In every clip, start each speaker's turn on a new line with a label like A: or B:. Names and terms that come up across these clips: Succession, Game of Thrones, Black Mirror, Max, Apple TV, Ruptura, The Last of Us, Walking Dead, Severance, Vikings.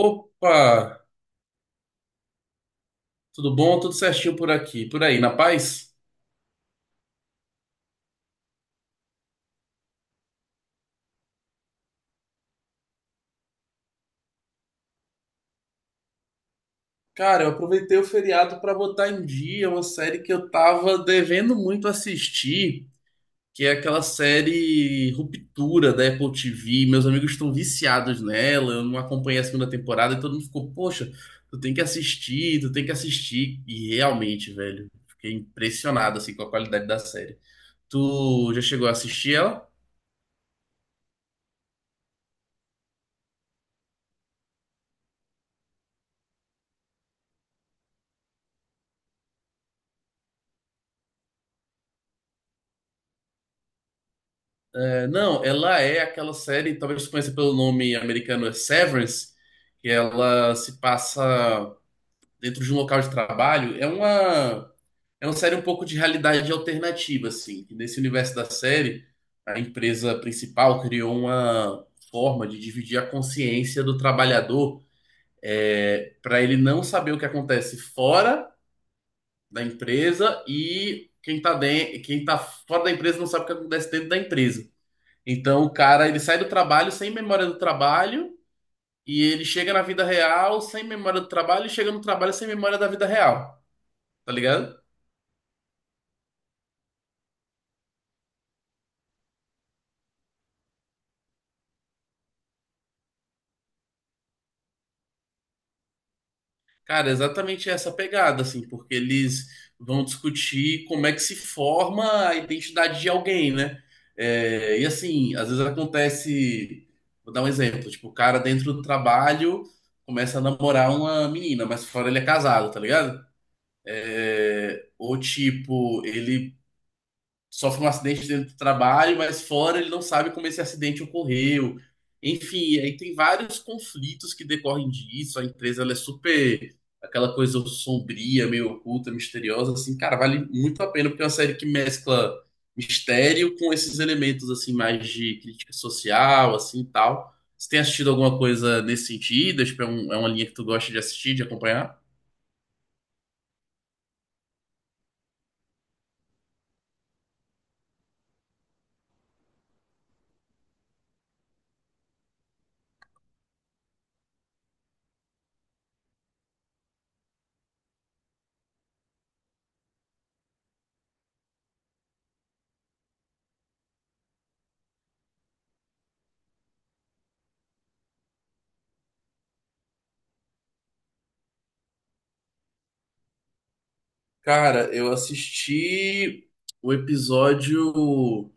A: Opa, tudo bom? Tudo certinho por aqui, por aí, na paz? Cara, eu aproveitei o feriado para botar em dia uma série que eu tava devendo muito assistir, que é aquela série Ruptura da Apple TV. Meus amigos estão viciados nela, eu não acompanhei a segunda temporada e todo mundo ficou, poxa, tu tem que assistir. E realmente, velho, fiquei impressionado assim com a qualidade da série. Tu já chegou a assistir ela? É, não, ela é aquela série, talvez você conheça pelo nome americano, é Severance, que ela se passa dentro de um local de trabalho. É uma série um pouco de realidade alternativa, assim. Que Nesse universo da série, a empresa principal criou uma forma de dividir a consciência do trabalhador, para ele não saber o que acontece fora da empresa e quem está dentro, quem tá fora da empresa não sabe o que acontece dentro da empresa. Então o cara, ele sai do trabalho sem memória do trabalho e ele chega na vida real sem memória do trabalho e chega no trabalho sem memória da vida real, tá ligado? Cara, é exatamente essa pegada, assim, porque eles vão discutir como é que se forma a identidade de alguém, né? É, e assim, às vezes acontece, vou dar um exemplo, tipo, o cara dentro do trabalho começa a namorar uma menina, mas fora ele é casado, tá ligado? É, ou tipo, ele sofre um acidente dentro do trabalho, mas fora ele não sabe como esse acidente ocorreu. Enfim, aí tem vários conflitos que decorrem disso. A empresa ela é super aquela coisa sombria, meio oculta, misteriosa, assim, cara, vale muito a pena porque é uma série que mescla mistério com esses elementos assim mais de crítica social, assim, e tal. Você tem assistido alguma coisa nesse sentido? Tipo, é, é uma linha que tu gosta de assistir, de acompanhar? Cara, eu assisti o episódio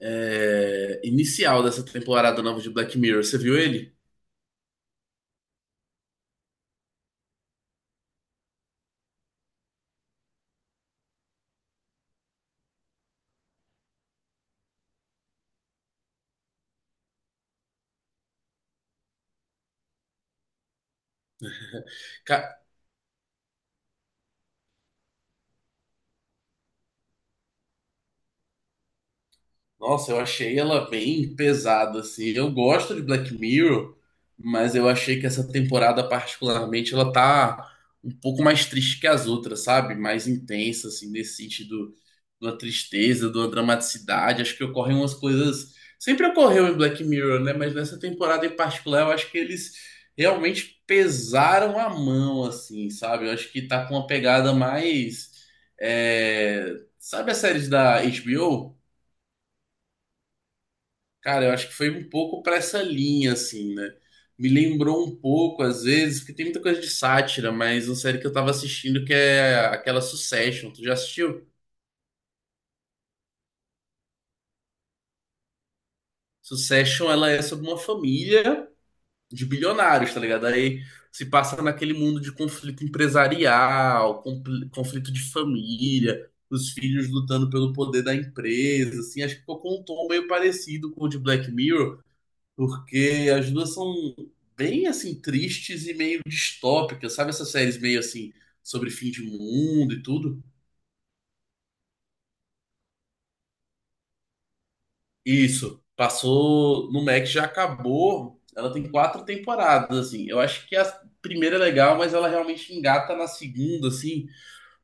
A: inicial dessa temporada nova de Black Mirror. Você viu ele? Ca- Nossa, eu achei ela bem pesada, assim. Eu gosto de Black Mirror, mas eu achei que essa temporada, particularmente, ela tá um pouco mais triste que as outras, sabe? Mais intensa, assim, nesse sentido de uma tristeza, de uma dramaticidade. Acho que ocorrem umas coisas. Sempre ocorreu em Black Mirror, né? Mas nessa temporada em particular, eu acho que eles realmente pesaram a mão, assim, sabe? Eu acho que tá com uma pegada mais. é, Sabe as séries da HBO? Cara, eu acho que foi um pouco pra essa linha, assim, né? Me lembrou um pouco, às vezes, porque tem muita coisa de sátira, mas uma série que eu tava assistindo que é aquela Succession. Tu já assistiu? Succession, ela é sobre uma família de bilionários, tá ligado? Aí se passa naquele mundo de conflito empresarial, conflito de família, os filhos lutando pelo poder da empresa, assim, acho que ficou com um tom meio parecido com o de Black Mirror, porque as duas são bem, assim, tristes e meio distópicas, sabe essas séries meio, assim, sobre fim de mundo e tudo? Isso, passou no Max, já acabou. Ela tem quatro temporadas, assim. Eu acho que a primeira é legal, mas ela realmente engata na segunda, assim,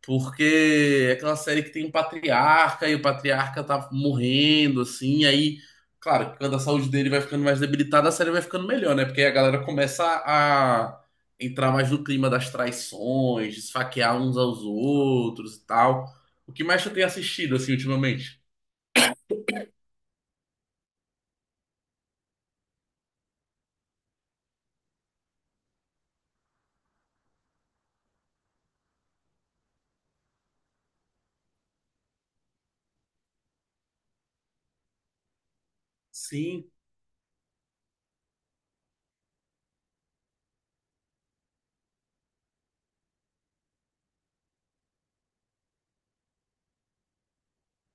A: porque é aquela série que tem um patriarca e o patriarca tá morrendo, assim. Aí, claro, quando a saúde dele vai ficando mais debilitada, a série vai ficando melhor, né? Porque aí a galera começa a entrar mais no clima das traições, esfaquear uns aos outros e tal. O que mais tu tem assistido, assim, ultimamente? Sim.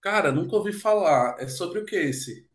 A: Cara, nunca ouvi falar. É sobre o que esse?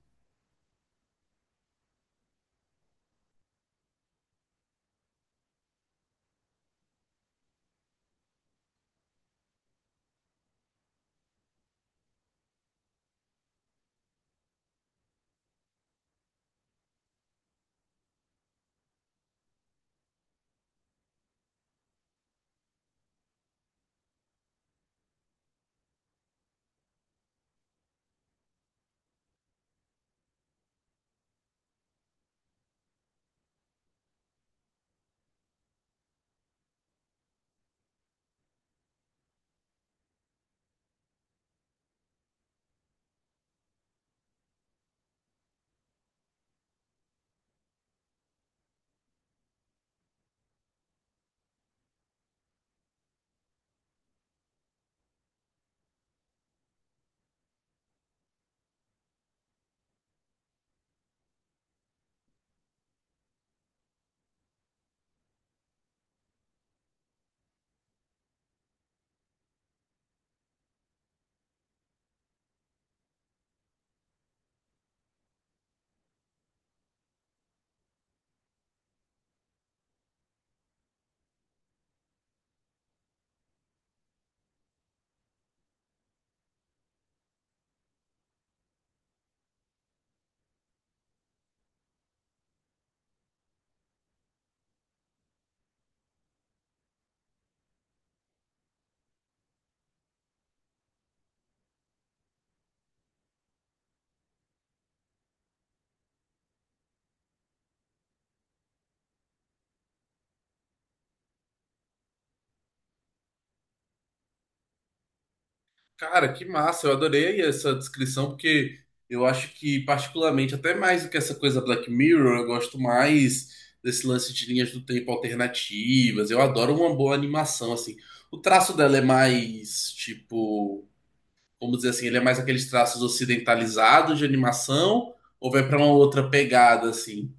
A: Cara, que massa. Eu adorei essa descrição, porque eu acho que, particularmente, até mais do que essa coisa Black Mirror, eu gosto mais desse lance de linhas do tempo alternativas. Eu adoro uma boa animação, assim. O traço dela é mais, tipo, vamos dizer assim, ele é mais aqueles traços ocidentalizados de animação, ou vai pra uma outra pegada, assim?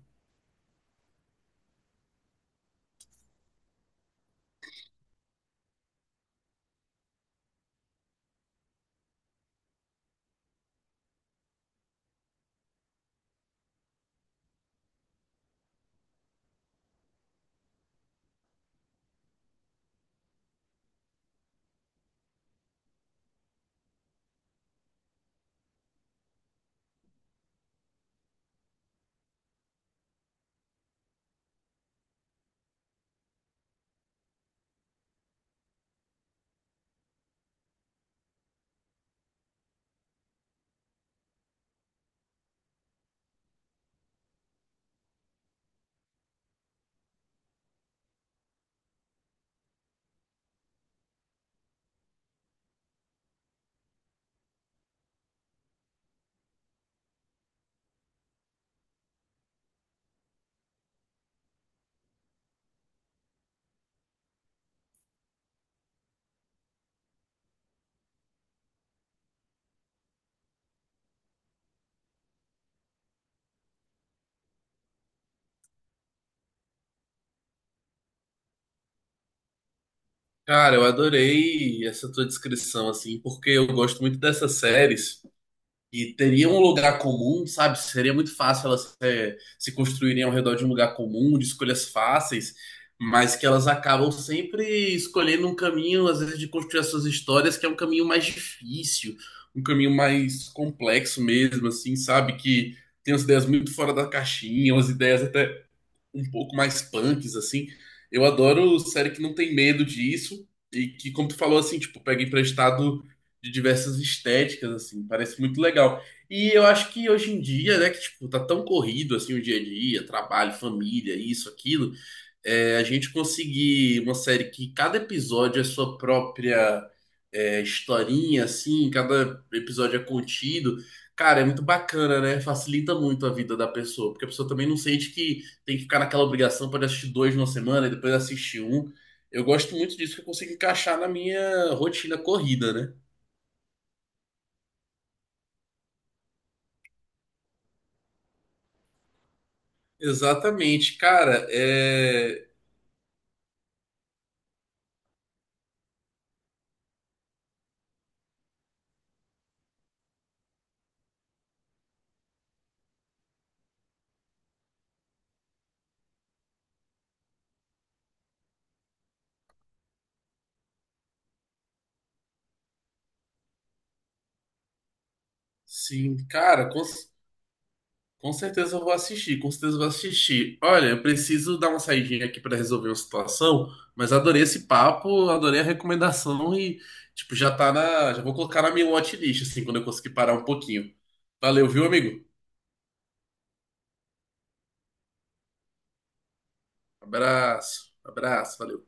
A: Cara, eu adorei essa tua descrição, assim, porque eu gosto muito dessas séries. E teria um lugar comum, sabe? Seria muito fácil elas se construírem ao redor de um lugar comum, de escolhas fáceis, mas que elas acabam sempre escolhendo um caminho, às vezes, de construir as suas histórias, que é um caminho mais difícil, um caminho mais complexo mesmo, assim, sabe? Que tem umas ideias muito fora da caixinha, umas ideias até um pouco mais punks, assim. Eu adoro série que não tem medo disso e que, como tu falou, assim, tipo, pega emprestado de diversas estéticas, assim, parece muito legal. E eu acho que hoje em dia, né, que, tipo, tá tão corrido, assim, o dia a dia, trabalho, família, isso, aquilo, é, a gente conseguir uma série que cada episódio é sua própria historinha, assim, cada episódio é contido, cara, é muito bacana, né? Facilita muito a vida da pessoa, porque a pessoa também não sente que tem que ficar naquela obrigação para assistir dois numa semana e depois assistir um. Eu gosto muito disso que eu consigo encaixar na minha rotina corrida, né? Exatamente, cara, é. Sim, cara, com. Com certeza eu vou assistir, com certeza eu vou assistir. Olha, eu preciso dar uma saidinha aqui para resolver uma situação, mas adorei esse papo, adorei a recomendação e, tipo, já tá na. Já vou colocar na minha watchlist, assim, quando eu conseguir parar um pouquinho. Valeu, viu, amigo? Abraço, abraço, valeu.